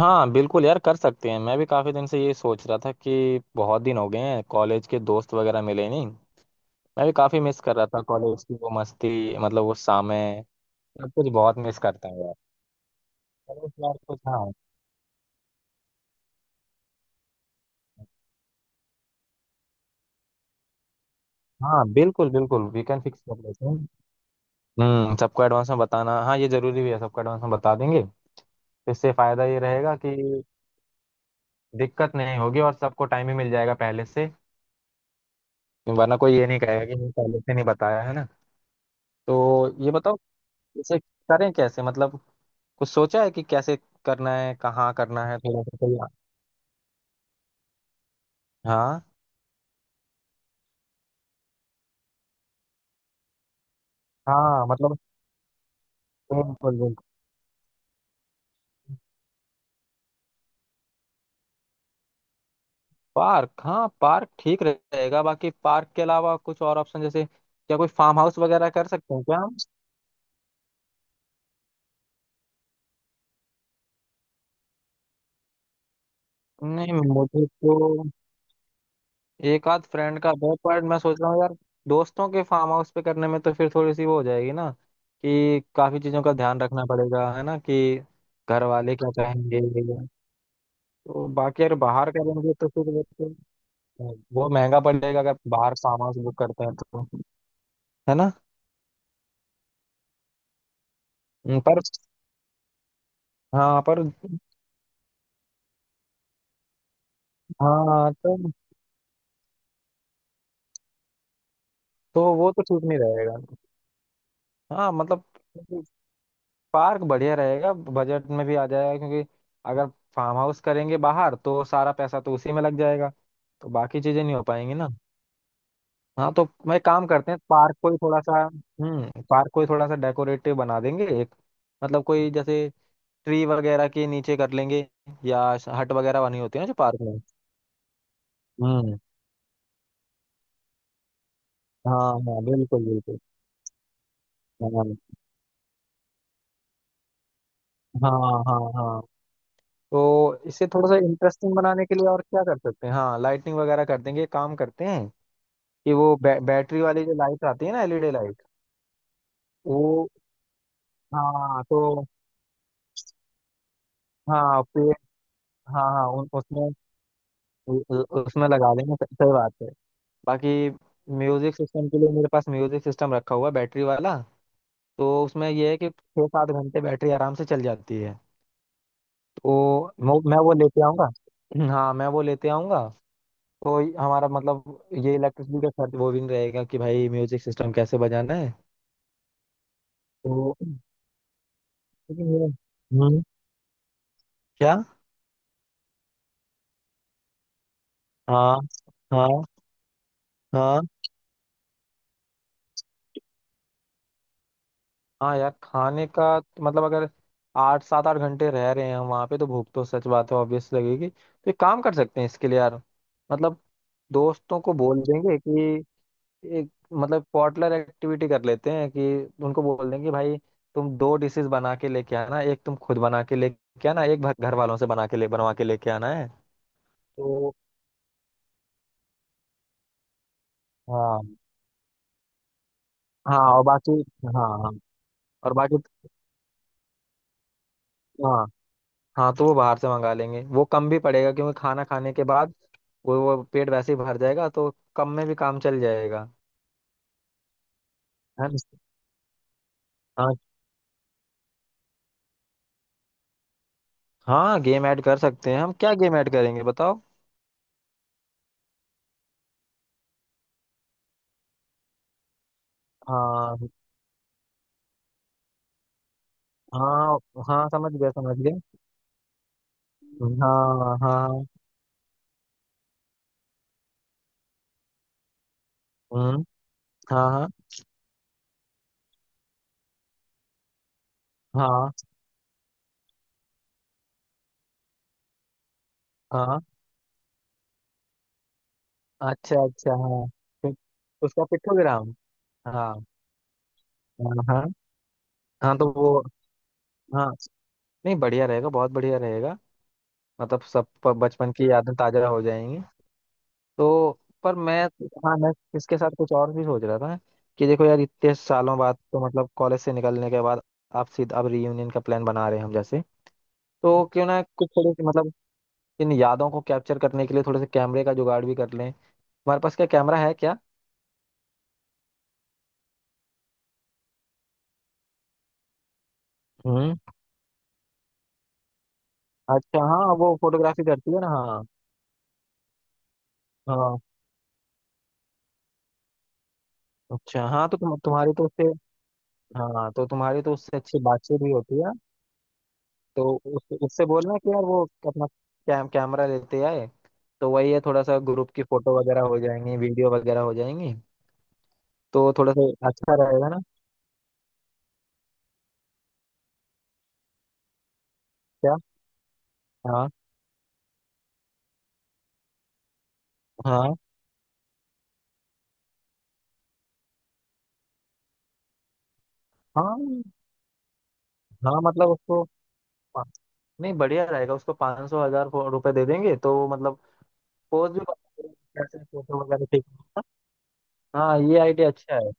हाँ बिल्कुल यार कर सकते हैं। मैं भी काफ़ी दिन से ये सोच रहा था कि बहुत दिन हो गए हैं, कॉलेज के दोस्त वगैरह मिले नहीं। मैं भी काफ़ी मिस कर रहा था कॉलेज की वो मस्ती, मतलब वो समय, सब कुछ बहुत मिस करता हूँ यार। चलो इस बार कुछ, हाँ। हाँ बिल्कुल बिल्कुल, वीकेंड फिक्स कर लेते हैं। हम्म, सबको एडवांस में बताना, हाँ ये ज़रूरी भी है। सबको एडवांस में बता देंगे तो इससे फ़ायदा ये रहेगा कि दिक्कत नहीं होगी और सबको टाइम ही मिल जाएगा पहले से। वरना कोई ये नहीं कहेगा कि नहीं, पहले से नहीं बताया, है ना। तो ये बताओ इसे करें कैसे, मतलब कुछ सोचा है कि कैसे करना है, कहाँ करना है, थोड़ा सा कोई। हाँ हाँ मतलब बिल्कुल बिल्कुल। पार्क, हाँ पार्क ठीक रहेगा। बाकी पार्क के अलावा कुछ और ऑप्शन जैसे क्या, कोई फार्म हाउस वगैरह कर सकते हैं क्या हम? नहीं मुझे तो एक आध फ्रेंड का दो, पर मैं सोच रहा हूँ यार दोस्तों के फार्म हाउस पे करने में तो फिर थोड़ी सी वो हो जाएगी ना, कि काफी चीजों का ध्यान रखना पड़ेगा है ना, कि घर वाले क्या कहेंगे। तो बाकी अगर बाहर करेंगे तो फिर वो तो वो महंगा पड़ेगा अगर बाहर सामान से बुक करते हैं तो। है ना। पर। हाँ पर। हाँ तो तो। वो तो ठीक नहीं रहेगा। हाँ मतलब पार्क बढ़िया रहेगा, बजट में भी आ जाएगा क्योंकि अगर फार्म हाउस करेंगे बाहर तो सारा पैसा तो उसी में लग जाएगा, तो बाकी चीजें नहीं हो पाएंगी ना। हाँ तो मैं काम करते हैं, पार्क को ही थोड़ा सा, पार्क को ही थोड़ा सा डेकोरेटिव बना देंगे, एक मतलब कोई जैसे ट्री वगैरह के नीचे कर लेंगे, या हट वगैरह बनी होती है ना जो पार्क में। हम्म। हाँ हाँ बिल्कुल बिल्कुल। हाँ हाँ हाँ। हाँ तो इसे थोड़ा सा इंटरेस्टिंग बनाने के लिए और क्या कर सकते हैं, हाँ लाइटिंग वगैरह कर देंगे, एक काम करते हैं कि वो बैटरी वाली जो लाइट आती है ना, एलईडी लाइट। वो। हाँ तो। हाँ पेड़। हाँ हाँ उसमें उसमें लगा देंगे, सही सही बात है। बाकी म्यूजिक सिस्टम के लिए मेरे पास म्यूजिक सिस्टम रखा हुआ है बैटरी वाला। तो उसमें यह है कि 6-7 घंटे बैटरी आराम से चल जाती है। तो मैं वो लेते आऊँगा। हाँ मैं वो लेते आऊँगा। तो हमारा मतलब ये इलेक्ट्रिसिटी का खर्च वो भी नहीं रहेगा कि भाई म्यूजिक सिस्टम कैसे बजाना है। तो लेकिन ये-। हम्म। क्या। हाँ हाँ हाँ। हाँ यार खाने का तो मतलब अगर आठ सात आठ घंटे रह रहे हैं हम वहाँ पे, तो भूख तो सच बात है, ऑब्वियस लगेगी। तो एक काम कर सकते हैं इसके लिए यार, मतलब दोस्तों को बोल देंगे कि एक मतलब पॉटलर एक्टिविटी कर लेते हैं कि उनको बोल देंगे कि भाई तुम दो डिशेस बना के लेके आना, एक तुम खुद बना के लेके आना, एक घर वालों से बना के ले बनवा के लेके आना है। तो। हाँ हाँ और बाकी। हाँ हाँ और बाकी। हाँ। हाँ तो वो बाहर से मंगा लेंगे, वो कम भी पड़ेगा क्योंकि खाना खाने के बाद वो पेट वैसे ही भर जाएगा, तो कम में भी काम चल जाएगा। है ना? हाँ हाँ गेम ऐड कर सकते हैं हम। क्या गेम ऐड करेंगे बताओ। हाँ हाँ हाँ समझ गया समझ गया। हाँ हाँ। हम्म। हाँ हाँ हाँ। हाँ अच्छा अच्छा हाँ। फिर उसका पिक्टोग्राम। हाँ हाँ हाँ। हाँ, तो वो। हाँ नहीं बढ़िया रहेगा, बहुत बढ़िया रहेगा, मतलब सब बचपन की यादें ताजा हो जाएंगी। तो पर मैं। हाँ मैं इसके साथ कुछ और भी सोच रहा था कि देखो यार इतने सालों बाद, तो मतलब कॉलेज से निकलने के बाद आप सीधा अब रीयूनियन का प्लान बना रहे हैं हम जैसे। तो क्यों ना कुछ थोड़ी सी मतलब इन यादों को कैप्चर करने के लिए थोड़े से कैमरे का जुगाड़ भी कर लें। हमारे पास क्या कैमरा है क्या? हम्म। अच्छा हाँ, वो फोटोग्राफी करती है ना, हाँ। हाँ अच्छा हाँ, तो तुम्हारी तो उससे, हाँ तो तुम्हारी तो उससे अच्छी बातचीत भी होती है। तो उससे बोलना कि यार वो अपना कैमरा लेते आए, तो वही है थोड़ा सा ग्रुप की फोटो वगैरह हो जाएंगी, वीडियो वगैरह हो जाएंगी। तो थोड़ा सा अच्छा रहेगा ना। क्या। हाँ हाँ हाँ। हाँ मतलब उसको पा- नहीं, बढ़िया रहेगा, उसको पाँच सौ हजार रुपए दे देंगे तो मतलब पोज भी, कैसे फोटो वगैरह, ठीक। हाँ ये आइडिया अच्छा है।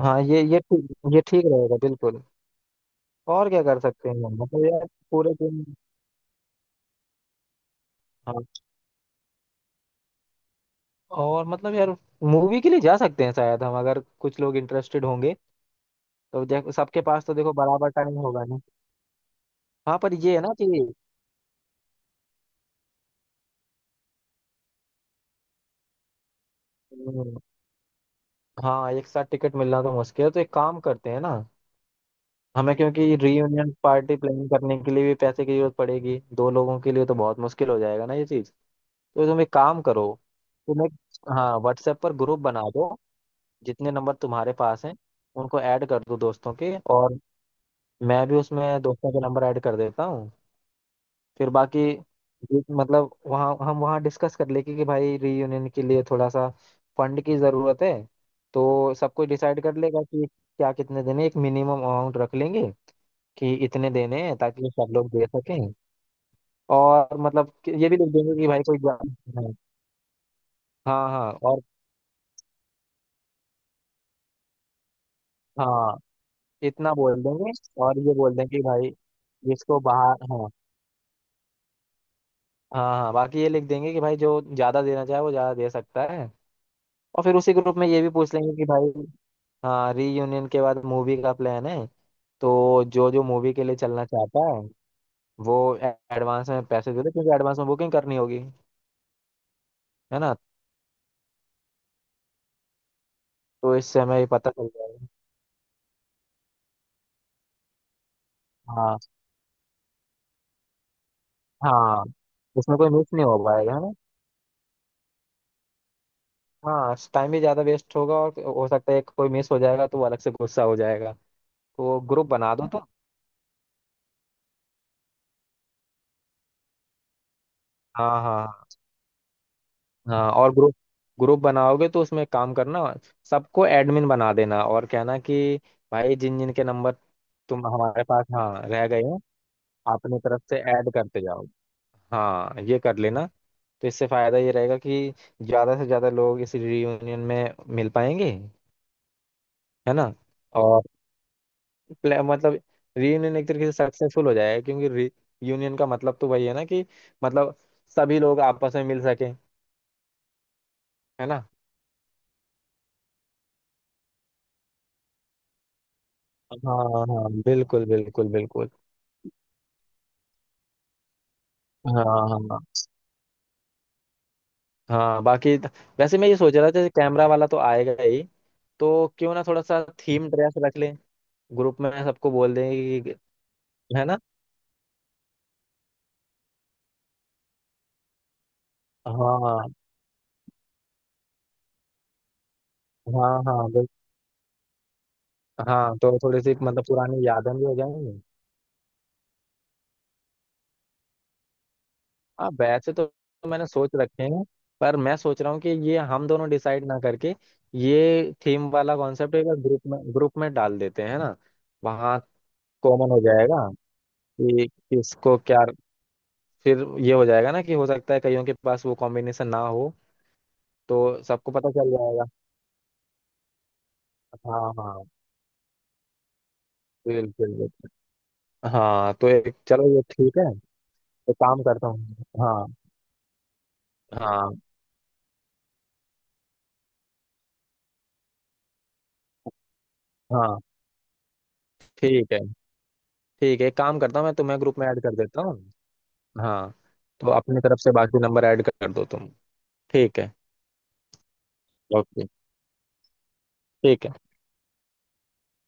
हाँ ये ठीक। ये ठीक रहेगा बिल्कुल। और क्या कर सकते हैं हम? मतलब यार पूरे दिन। हाँ और मतलब यार मूवी के लिए जा सकते हैं शायद हम अगर कुछ लोग इंटरेस्टेड होंगे। तो देख सबके पास तो देखो बराबर टाइम होगा नहीं। हाँ पर ये है ना कि। हम्म, हाँ एक साथ टिकट मिलना तो मुश्किल है, तो एक काम करते हैं ना। हमें क्योंकि रीयूनियन पार्टी प्लान करने के लिए भी पैसे की जरूरत पड़ेगी, दो लोगों के लिए तो बहुत मुश्किल हो जाएगा ना ये चीज़। तो तुम एक काम करो, तुम एक, हाँ व्हाट्सएप पर ग्रुप बना दो, जितने नंबर तुम्हारे पास हैं उनको ऐड कर दो दोस्तों के, और मैं भी उसमें दोस्तों के नंबर ऐड कर देता हूँ। फिर बाकी ये मतलब वहाँ हम वहाँ डिस्कस कर लेंगे कि भाई रीयूनियन के लिए थोड़ा सा फंड की ज़रूरत है। तो सब कोई डिसाइड कर लेगा कि क्या कितने देने हैं। एक मिनिमम अमाउंट रख लेंगे कि इतने देने हैं ताकि सब लोग दे सकें। और मतलब कि ये भी लिख देंगे कि भाई कोई हाँ हाँ। और हाँ इतना बोल देंगे, और ये बोल देंगे कि भाई जिसको बाहर, हाँ हाँ हाँ, बाकी ये लिख देंगे कि भाई जो ज्यादा देना चाहे वो ज्यादा दे सकता है। और फिर उसी ग्रुप में ये भी पूछ लेंगे कि भाई, हाँ रीयूनियन के बाद मूवी का प्लान है, तो जो जो मूवी के लिए चलना चाहता है वो एडवांस में पैसे दे दे, क्योंकि एडवांस में बुकिंग करनी होगी। है ना, तो इससे हमें ये पता चल जाएगा। हाँ हाँ, इसमें कोई मिस नहीं हो पाएगा, है ना। हाँ टाइम भी ज्यादा वेस्ट होगा और हो सकता है कोई मिस हो जाएगा तो वो अलग से गुस्सा हो जाएगा। तो ग्रुप बना दो तो। हाँ हाँ हाँ। हाँ और ग्रुप ग्रुप बनाओगे तो उसमें काम करना, सबको एडमिन बना देना और कहना कि भाई जिन जिन के नंबर तुम हमारे पास, हाँ रह गए हैं, अपनी तरफ से ऐड करते जाओ, हाँ ये कर लेना। तो इससे फायदा ये रहेगा कि ज्यादा से ज्यादा लोग इस रियूनियन में मिल पाएंगे, है ना, और मतलब रियूनियन एक तरीके से सक्सेसफुल हो जाएगा, क्योंकि रियूनियन का मतलब तो वही है ना कि मतलब सभी लोग आपस में मिल सके। है ना। हाँ हाँ बिल्कुल बिल्कुल बिल्कुल। हाँ हाँ हाँ बाकी वैसे मैं ये सोच रहा था, जैसे कैमरा वाला तो आएगा ही, तो क्यों ना थोड़ा सा थीम ड्रेस रख लें, ग्रुप में सबको बोल दें कि, है ना। हाँ हाँ हाँ हाँ, तो थोड़ी सी मतलब पुरानी यादें भी हो जाएंगी। हाँ वैसे तो मैंने सोच रखे हैं, पर मैं सोच रहा हूँ कि ये हम दोनों डिसाइड ना करके ये थीम वाला कॉन्सेप्ट एक बार ग्रुप में डाल देते हैं, है ना। वहाँ कॉमन हो जाएगा कि किसको क्या, फिर ये हो जाएगा ना कि हो सकता है कईयों के पास वो कॉम्बिनेशन ना हो, तो सबको पता चल जाएगा। हाँ हाँ बिल्कुल बिल्कुल। हाँ तो एक चलो ये ठीक है, तो काम करता हूँ। हाँ हाँ हाँ। ठीक है। ठीक है, एक काम करता हूँ मैं तुम्हें ग्रुप में ऐड कर देता हूँ। हाँ तो अपनी तरफ से बाकी नंबर ऐड कर दो तुम। ठीक है, ओके, ठीक है।